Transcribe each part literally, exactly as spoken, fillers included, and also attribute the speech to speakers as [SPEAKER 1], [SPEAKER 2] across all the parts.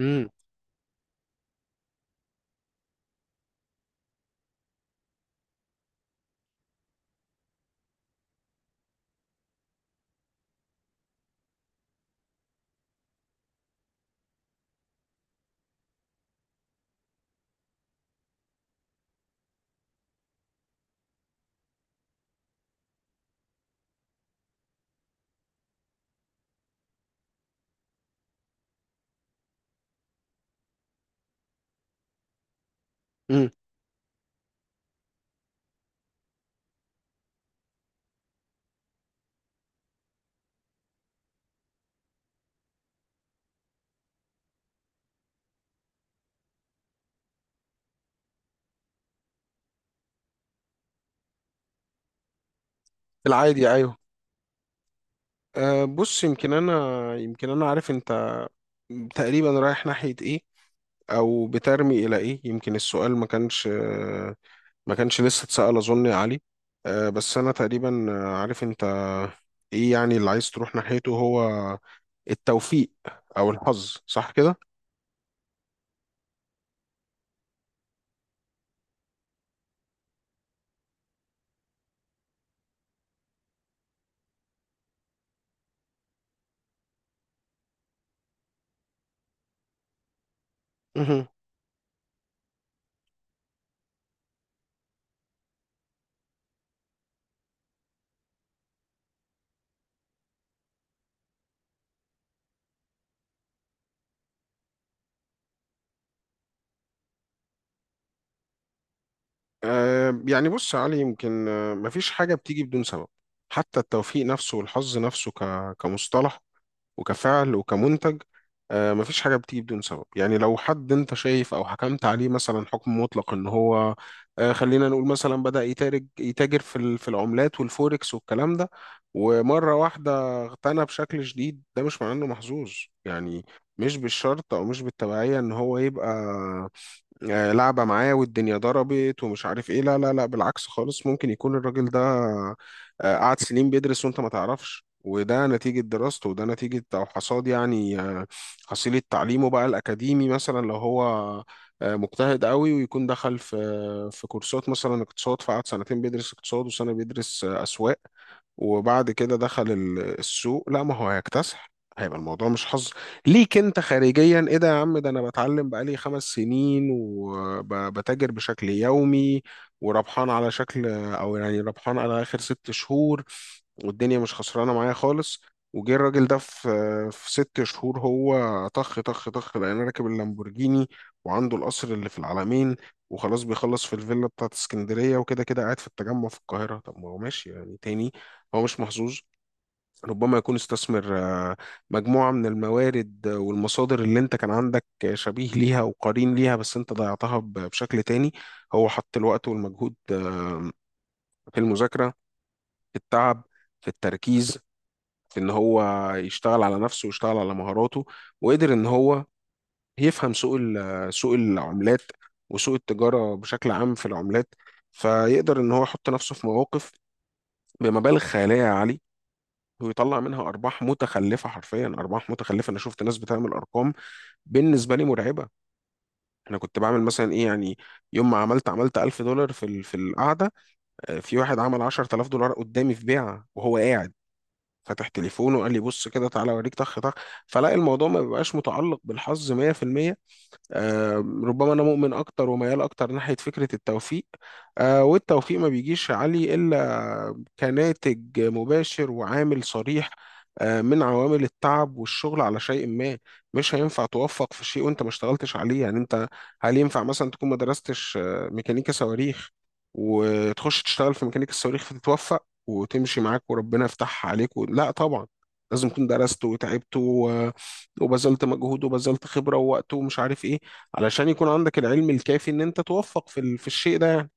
[SPEAKER 1] امم. امم. العادي، ايوه. أه بص، يمكن انا يمكن انا عارف انت تقريبا رايح ناحية ايه، او بترمي الى ايه. يمكن السؤال ما كانش آه، ما كانش لسه اتسأل، اظن يا علي. أه بس انا تقريبا آه، عارف انت ايه يعني اللي عايز تروح ناحيته، هو التوفيق او الحظ، صح كده؟ مهم. أه يعني بص يا علي، يمكن آه، مفيش حاجة بتيجي بدون سبب، حتى التوفيق نفسه والحظ نفسه ك- كمصطلح وكفعل وكمنتج. آه، مفيش حاجة بتيجي بدون سبب. يعني لو حد انت شايف او حكمت عليه مثلا حكم مطلق ان هو آه، خلينا نقول مثلا بدأ يتاجر يتاجر في ال- في العملات والفوركس والكلام ده، ومرة واحدة اغتنى بشكل شديد، ده مش معناه انه محظوظ. يعني مش بالشرط او مش بالتبعية ان هو يبقى آه، لعبة معاه والدنيا ضربت ومش عارف ايه. لا لا لا، بالعكس خالص. ممكن يكون الراجل ده آه، قعد سنين بيدرس وانت ما تعرفش، وده نتيجة دراسته، وده نتيجة أو حصاد يعني آه، حصيلة تعليمه بقى الأكاديمي. مثلا لو هو آه، مجتهد قوي، ويكون دخل في آه، في كورسات مثلا اقتصاد، فقعد سنتين بيدرس اقتصاد، وسنة بيدرس آه، أسواق، وبعد كده دخل ال- السوق. لا، ما هو هيكتسح، هيبقى الموضوع مش حظ ليك انت خارجيا. ايه ده يا عم، ده انا بتعلم بقالي خمس سنين وبتاجر بشكل يومي وربحان على شكل، او يعني ربحان على اخر ست شهور، والدنيا مش خسرانه معايا خالص. وجه الراجل ده في في ست شهور، هو طخ طخ طخ، لقينا راكب اللامبورجيني وعنده القصر اللي في العلمين، وخلاص بيخلص في الفيلا بتاعت اسكندريه، وكده كده قاعد في التجمع في القاهره. طب ما هو ماشي يعني، تاني هو مش محظوظ. ربما يكون استثمر آه، مجموعه من الموارد آه، والمصادر اللي انت كان عندك آه، شبيه ليها وقرين ليها، بس انت ضيعتها ب- بشكل تاني. هو حط الوقت والمجهود آه، في المذاكره، في التعب، في التركيز، في ان هو يشتغل على نفسه ويشتغل على مهاراته، وقدر ان هو يفهم سوق ال- سوق العملات وسوق التجارة بشكل عام في العملات. فيقدر ان هو يحط نفسه في مواقف بمبالغ خيالية يا علي، ويطلع منها ارباح متخلفة. حرفيا ارباح متخلفة. انا شفت ناس بتعمل ارقام بالنسبه لي مرعبه. انا كنت بعمل مثلا ايه يعني، يوم ما عملت عملت ألف دولار في ال- في القعده، آه، في واحد عمل عشرة آلاف دولار قدامي في بيعه وهو قاعد فاتح تليفونه، وقال لي بص كده تعالى اوريك طخ طخ. فلاقي الموضوع ما بيبقاش متعلق بالحظ مية في المية. آه، ربما انا مؤمن اكتر وميال اكتر ناحيه فكره التوفيق. آه، والتوفيق ما بيجيش يا علي الا كناتج مباشر وعامل صريح آه، من عوامل التعب والشغل على شيء ما. مش هينفع توفق في شيء وانت ما اشتغلتش عليه يعني. انت هل ينفع مثلا تكون ما درستش آه، ميكانيكا صواريخ، وتخش تشتغل في ميكانيكا الصواريخ فتتوفق وتمشي معاك وربنا يفتحها عليك و... لا طبعا. لازم تكون درست وتعبت وبذلت مجهود وبذلت خبرة ووقت ومش عارف ايه، علشان يكون عندك العلم الكافي ان انت توفق في ال- في الشيء ده يعني.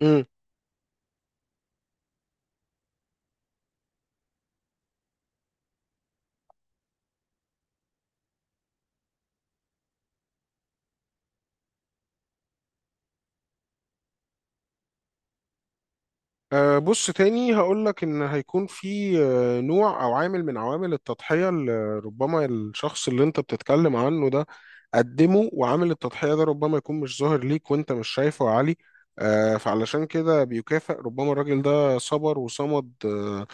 [SPEAKER 1] امم. أه بص تاني هقولك، إن هيكون في آه، نوع أو عامل من عوامل التضحية اللي ربما الشخص اللي أنت بتتكلم عنه ده قدمه، وعامل التضحية ده ربما يكون مش ظاهر ليك وأنت مش شايفه يا علي. أه فعلشان كده بيكافئ. ربما الراجل ده صبر وصمد أه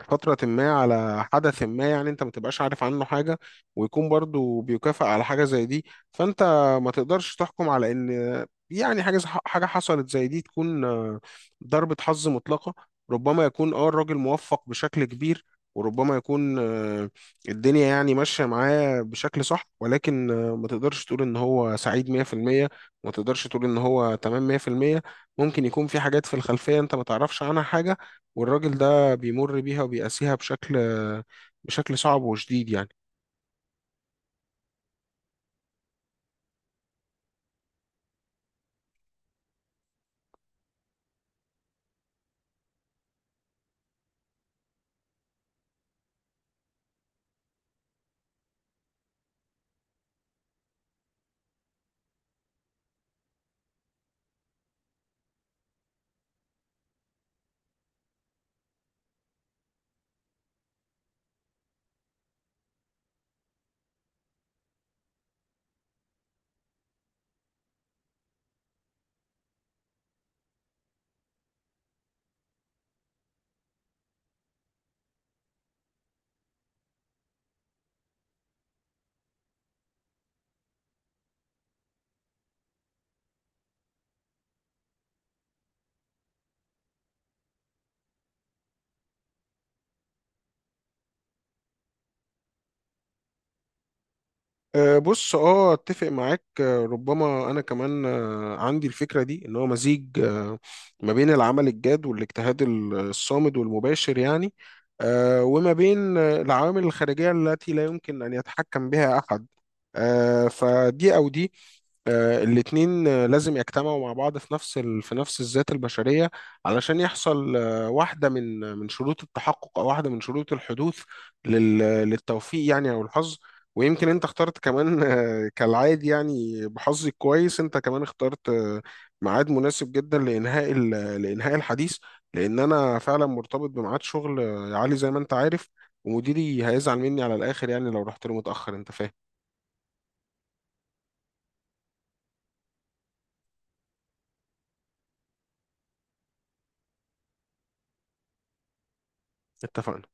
[SPEAKER 1] فترة ما على حدث ما، يعني أنت ما تبقاش عارف عنه حاجة ويكون برضو بيكافئ على حاجة زي دي. فأنت ما تقدرش تحكم على إن يعني حاجة حاجة حصلت زي دي تكون آه، ضربة حظ مطلقة. ربما يكون اه الراجل موفق بشكل كبير، وربما يكون آه، الدنيا يعني ماشية معاه بشكل صح، ولكن آه، ما تقدرش تقول ان هو سعيد مية في المية، ما تقدرش تقول ان هو تمام مية في المية. ممكن يكون في حاجات في الخلفية انت ما تعرفش عنها حاجة، والراجل ده بيمر بيها وبيقاسيها بشكل بشكل صعب وشديد يعني. أه، بص، اه اتفق معاك. أه، ربما انا كمان أه، عندي الفكره دي ان هو مزيج، أه، ما بين العمل الجاد والاجتهاد ال- الصامد والمباشر يعني، أه، وما بين أه، العوامل الخارجيه التي لا يمكن ان يتحكم بها احد. أه، فدي او دي آه، الاتنين آه، لازم يجتمعوا مع بعض في نفس ال... في نفس الذات البشرية، علشان يحصل آه، واحدة من من شروط التحقق، أو واحدة من شروط الحدوث لل... للتوفيق يعني، أو الحظ. ويمكن انت اخترت كمان آه، كالعادي يعني، بحظي الكويس انت كمان اخترت آه، ميعاد مناسب جدا لانهاء ال- لانهاء الحديث، لان انا فعلا مرتبط بميعاد شغل آه، عالي زي ما انت عارف، ومديري هيزعل مني على الاخر يعني لو رحت له متاخر، انت فاهم. اتفقنا.